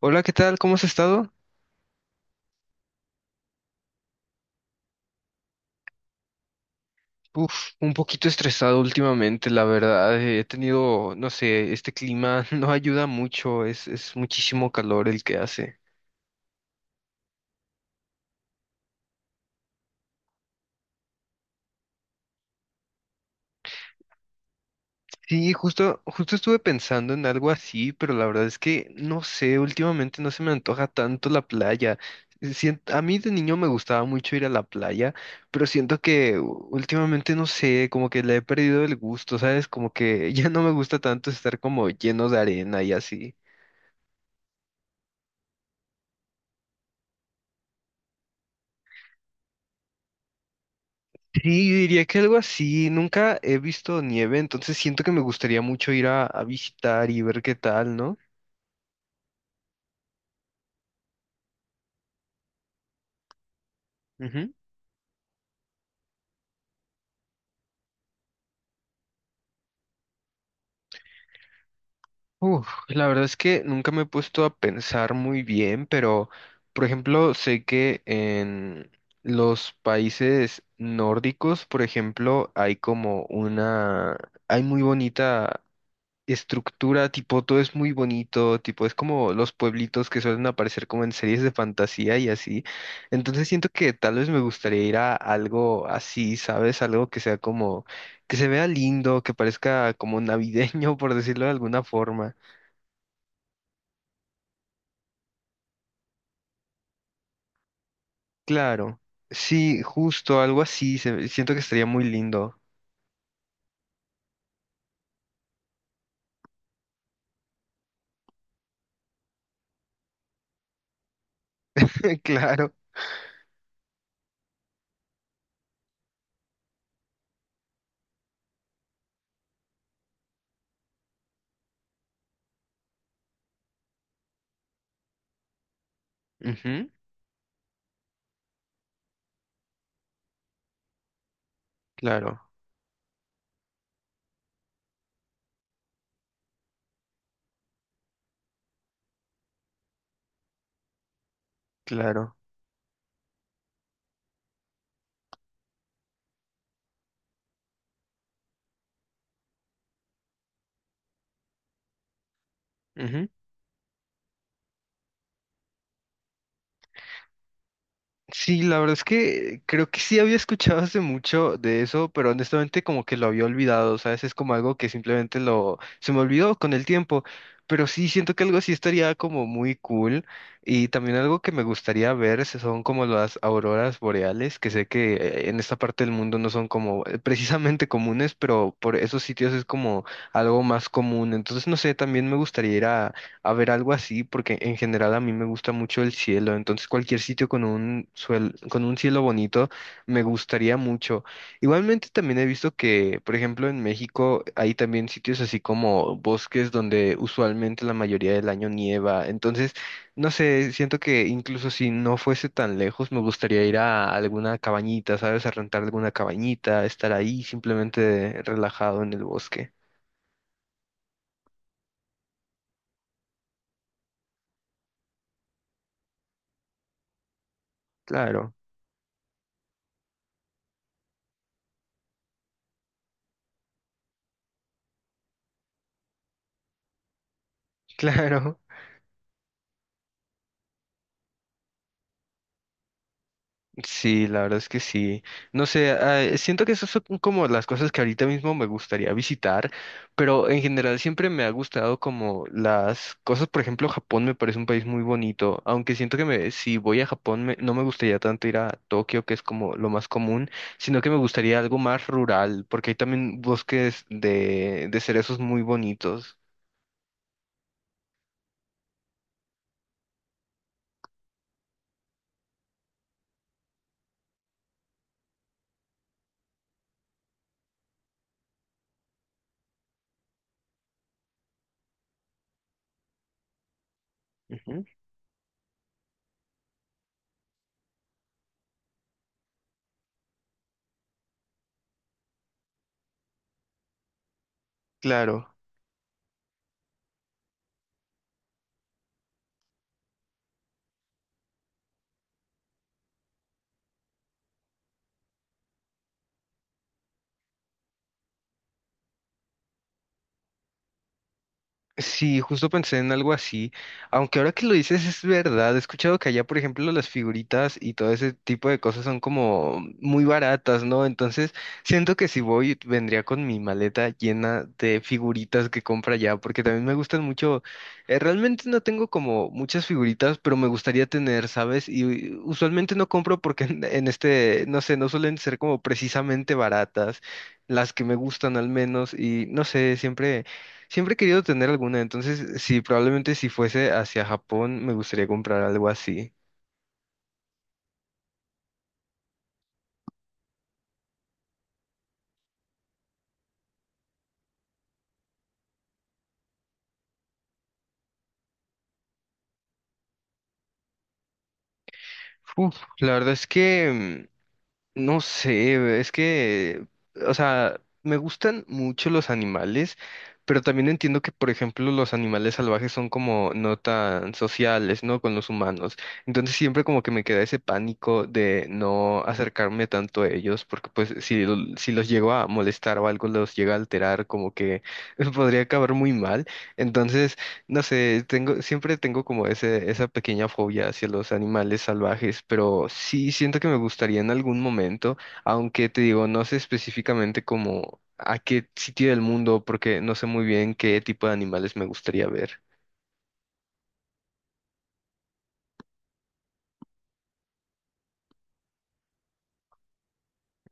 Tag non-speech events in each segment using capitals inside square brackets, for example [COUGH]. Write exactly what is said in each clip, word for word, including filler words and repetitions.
Hola, ¿qué tal? ¿Cómo has estado? Uf, un poquito estresado últimamente, la verdad. eh, He tenido, no sé, este clima [LAUGHS] no ayuda mucho, es, es muchísimo calor el que hace. Sí, justo, justo estuve pensando en algo así, pero la verdad es que no sé, últimamente no se me antoja tanto la playa. Eh, Sien- a mí de niño me gustaba mucho ir a la playa, pero siento que u- últimamente no sé, como que le he perdido el gusto, ¿sabes? Como que [LAUGHS] ya no me gusta tanto estar como lleno de arena y así. Sí, yo diría que algo así. Nunca he visto nieve, entonces siento que me gustaría mucho ir a, a visitar y ver qué tal, ¿no? Ujú. Uf, la verdad es que nunca me he puesto a pensar muy bien, pero por ejemplo, sé que en los países nórdicos, por ejemplo, hay como una, hay muy bonita estructura, tipo, todo es muy bonito, tipo, es como los pueblitos que suelen aparecer como en series de fantasía y así. Entonces siento que tal vez me gustaría ir a algo así, ¿sabes? Algo que sea como, que se vea lindo, que parezca como navideño, [LAUGHS] por decirlo de alguna forma. Claro, sí, justo, algo así, se- siento que estaría muy lindo. [LAUGHS] Claro. Ujú, claro, claro. Sí, la verdad es que creo que sí había escuchado hace mucho de eso, pero honestamente como que lo había olvidado, ¿sabes? Es como algo que simplemente lo se me olvidó con el tiempo, pero sí siento que algo así estaría como muy cool y también algo que me gustaría ver se- son como las auroras boreales, que sé que eh, en esta parte del mundo no son como eh, precisamente comunes, pero por esos sitios es como algo más común, entonces no sé, también me gustaría ir a ver, algo así, porque en general a mí me gusta mucho el cielo, entonces cualquier sitio con un suel- con un cielo bonito me gustaría mucho. Igualmente también he visto que, por ejemplo, en México hay también sitios así como bosques donde usualmente la mayoría del año nieva, entonces, no sé, siento que incluso si no fuese tan lejos, me gustaría ir a alguna cabañita, ¿sabes? A rentar alguna cabañita, estar ahí simplemente relajado en el bosque. Claro, [LAUGHS] claro. Sí, la verdad es que sí. No sé, ah, siento que esas son como las cosas que ahorita mismo me gustaría visitar, pero en general siempre me ha gustado como las cosas, por ejemplo, Japón me parece un país muy bonito, aunque siento que me, si voy a Japón me- no me gustaría tanto ir a Tokio, que es como lo más común, sino que me gustaría algo más rural, porque hay también bosques de, de cerezos muy bonitos. Ujú, claro. Sí, justo pensé en algo así, aunque ahora que lo dices es verdad, he escuchado que allá, por ejemplo, las figuritas y todo ese tipo de cosas son como muy baratas, ¿no? Entonces, siento que si voy, vendría con mi maleta llena de figuritas que compra allá, porque también me gustan mucho, eh, realmente no tengo como muchas figuritas, pero me gustaría tener, ¿sabes? Y usualmente no compro porque en en este, no sé, no suelen ser como precisamente baratas, las que me gustan al menos, y no sé, siempre... Siempre he querido tener alguna, entonces sí, probablemente si fuese hacia Japón me gustaría comprar algo así. Uf, la verdad es que... mm, no sé, es que, o sea, me gustan mucho los animales, pero también entiendo que, por ejemplo, los animales salvajes son como no tan sociales, ¿no? Con los humanos. Entonces siempre como que me queda ese pánico de no acercarme tanto a ellos, porque pues si, lo- si los llego a molestar o algo los llega a alterar, como que [LAUGHS] podría acabar muy mal. Entonces no sé, tengo, siempre tengo como ese, esa pequeña fobia hacia los animales salvajes, pero sí siento que me gustaría en algún momento, aunque te digo, no sé específicamente como a qué sitio del mundo, porque no sé muy bien qué tipo de animales me gustaría ver.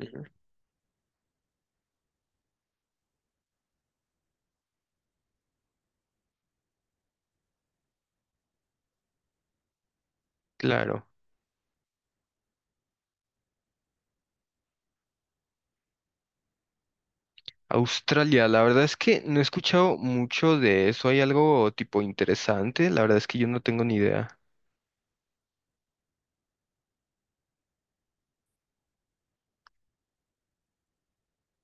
Ujú. Claro. Australia, la verdad es que no he escuchado mucho de eso. ¿Hay algo tipo interesante? La verdad es que yo no tengo ni idea.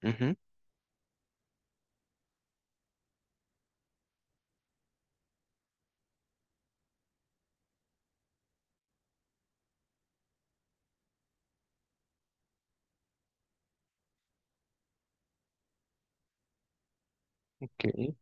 Ujú, ok,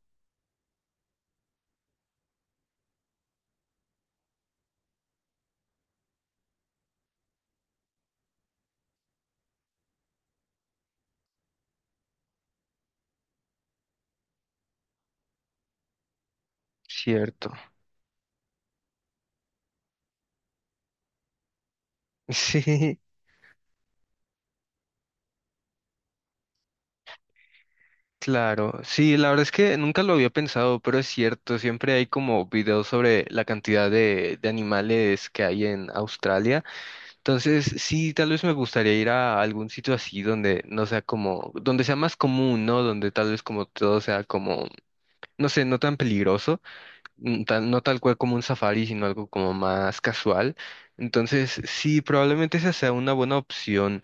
cierto. Sí, [LAUGHS] claro. Sí, la verdad es que nunca lo había pensado, pero es cierto. Siempre hay como videos sobre la cantidad de, de animales que hay en Australia. Entonces, sí, tal vez me gustaría ir a algún sitio así donde no sea como, donde sea más común, ¿no? Donde tal vez como todo sea como, no sé, no tan peligroso. Mm, tal- no tal cual como un safari, sino algo como más casual. Entonces, sí, probablemente esa sea una buena opción.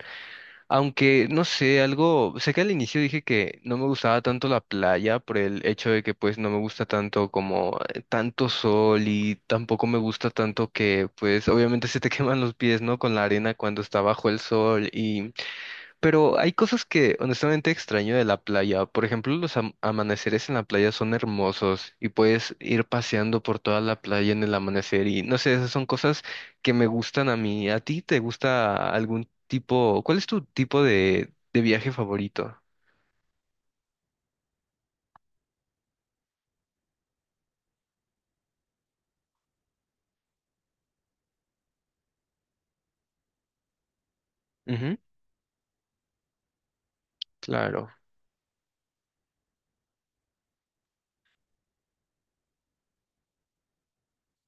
Aunque, no sé, algo, sé que al inicio dije que no me gustaba tanto la playa por el hecho de que pues no me gusta tanto como eh, tanto sol y tampoco me gusta tanto que pues obviamente se te [LAUGHS] queman los pies, ¿no? Con la arena cuando está bajo el sol, pero hay cosas que honestamente extraño de la playa. Por ejemplo, los am- amaneceres en la playa son hermosos y puedes ir paseando por toda la playa en el amanecer y no sé, esas son cosas que me gustan a mí. ¿A ti te gusta algún tipo? ¿Cuál es tu tipo de, de viaje favorito? Ujú, claro,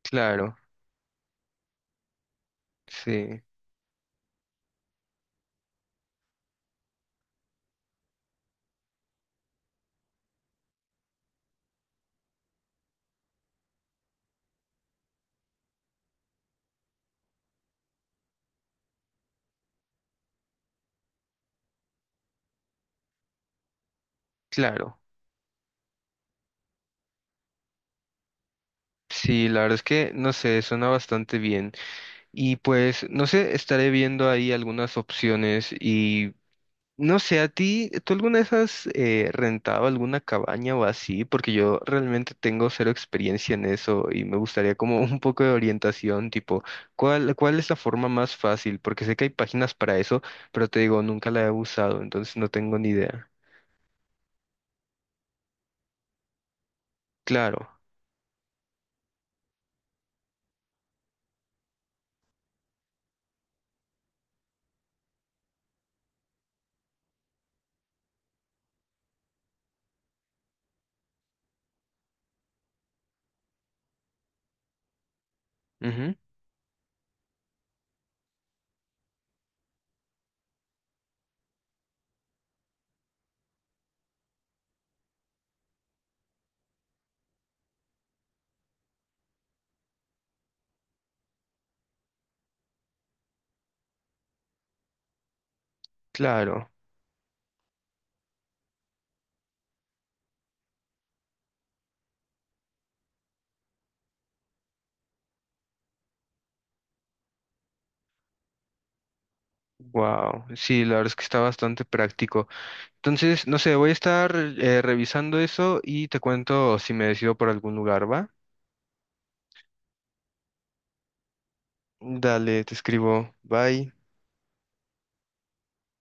claro, sí, claro. Sí, la verdad es que no sé, suena bastante bien. Y pues, no sé, estaré viendo ahí algunas opciones y no sé, a ti, ¿tú alguna vez has eh, rentado alguna cabaña o así? Porque yo realmente tengo cero experiencia en eso y me gustaría como [LAUGHS] un poco de orientación, tipo, ¿cuál, ¿cuál es la forma más fácil? Porque sé que hay páginas para eso, pero te digo, nunca la he usado, entonces no tengo ni idea. Claro, ujú, claro. Wow, sí, la verdad es que está bastante práctico. Entonces, no sé, voy a estar eh, revisando eso y te cuento si me decido por algún lugar, ¿va? Dale, te escribo. Bye.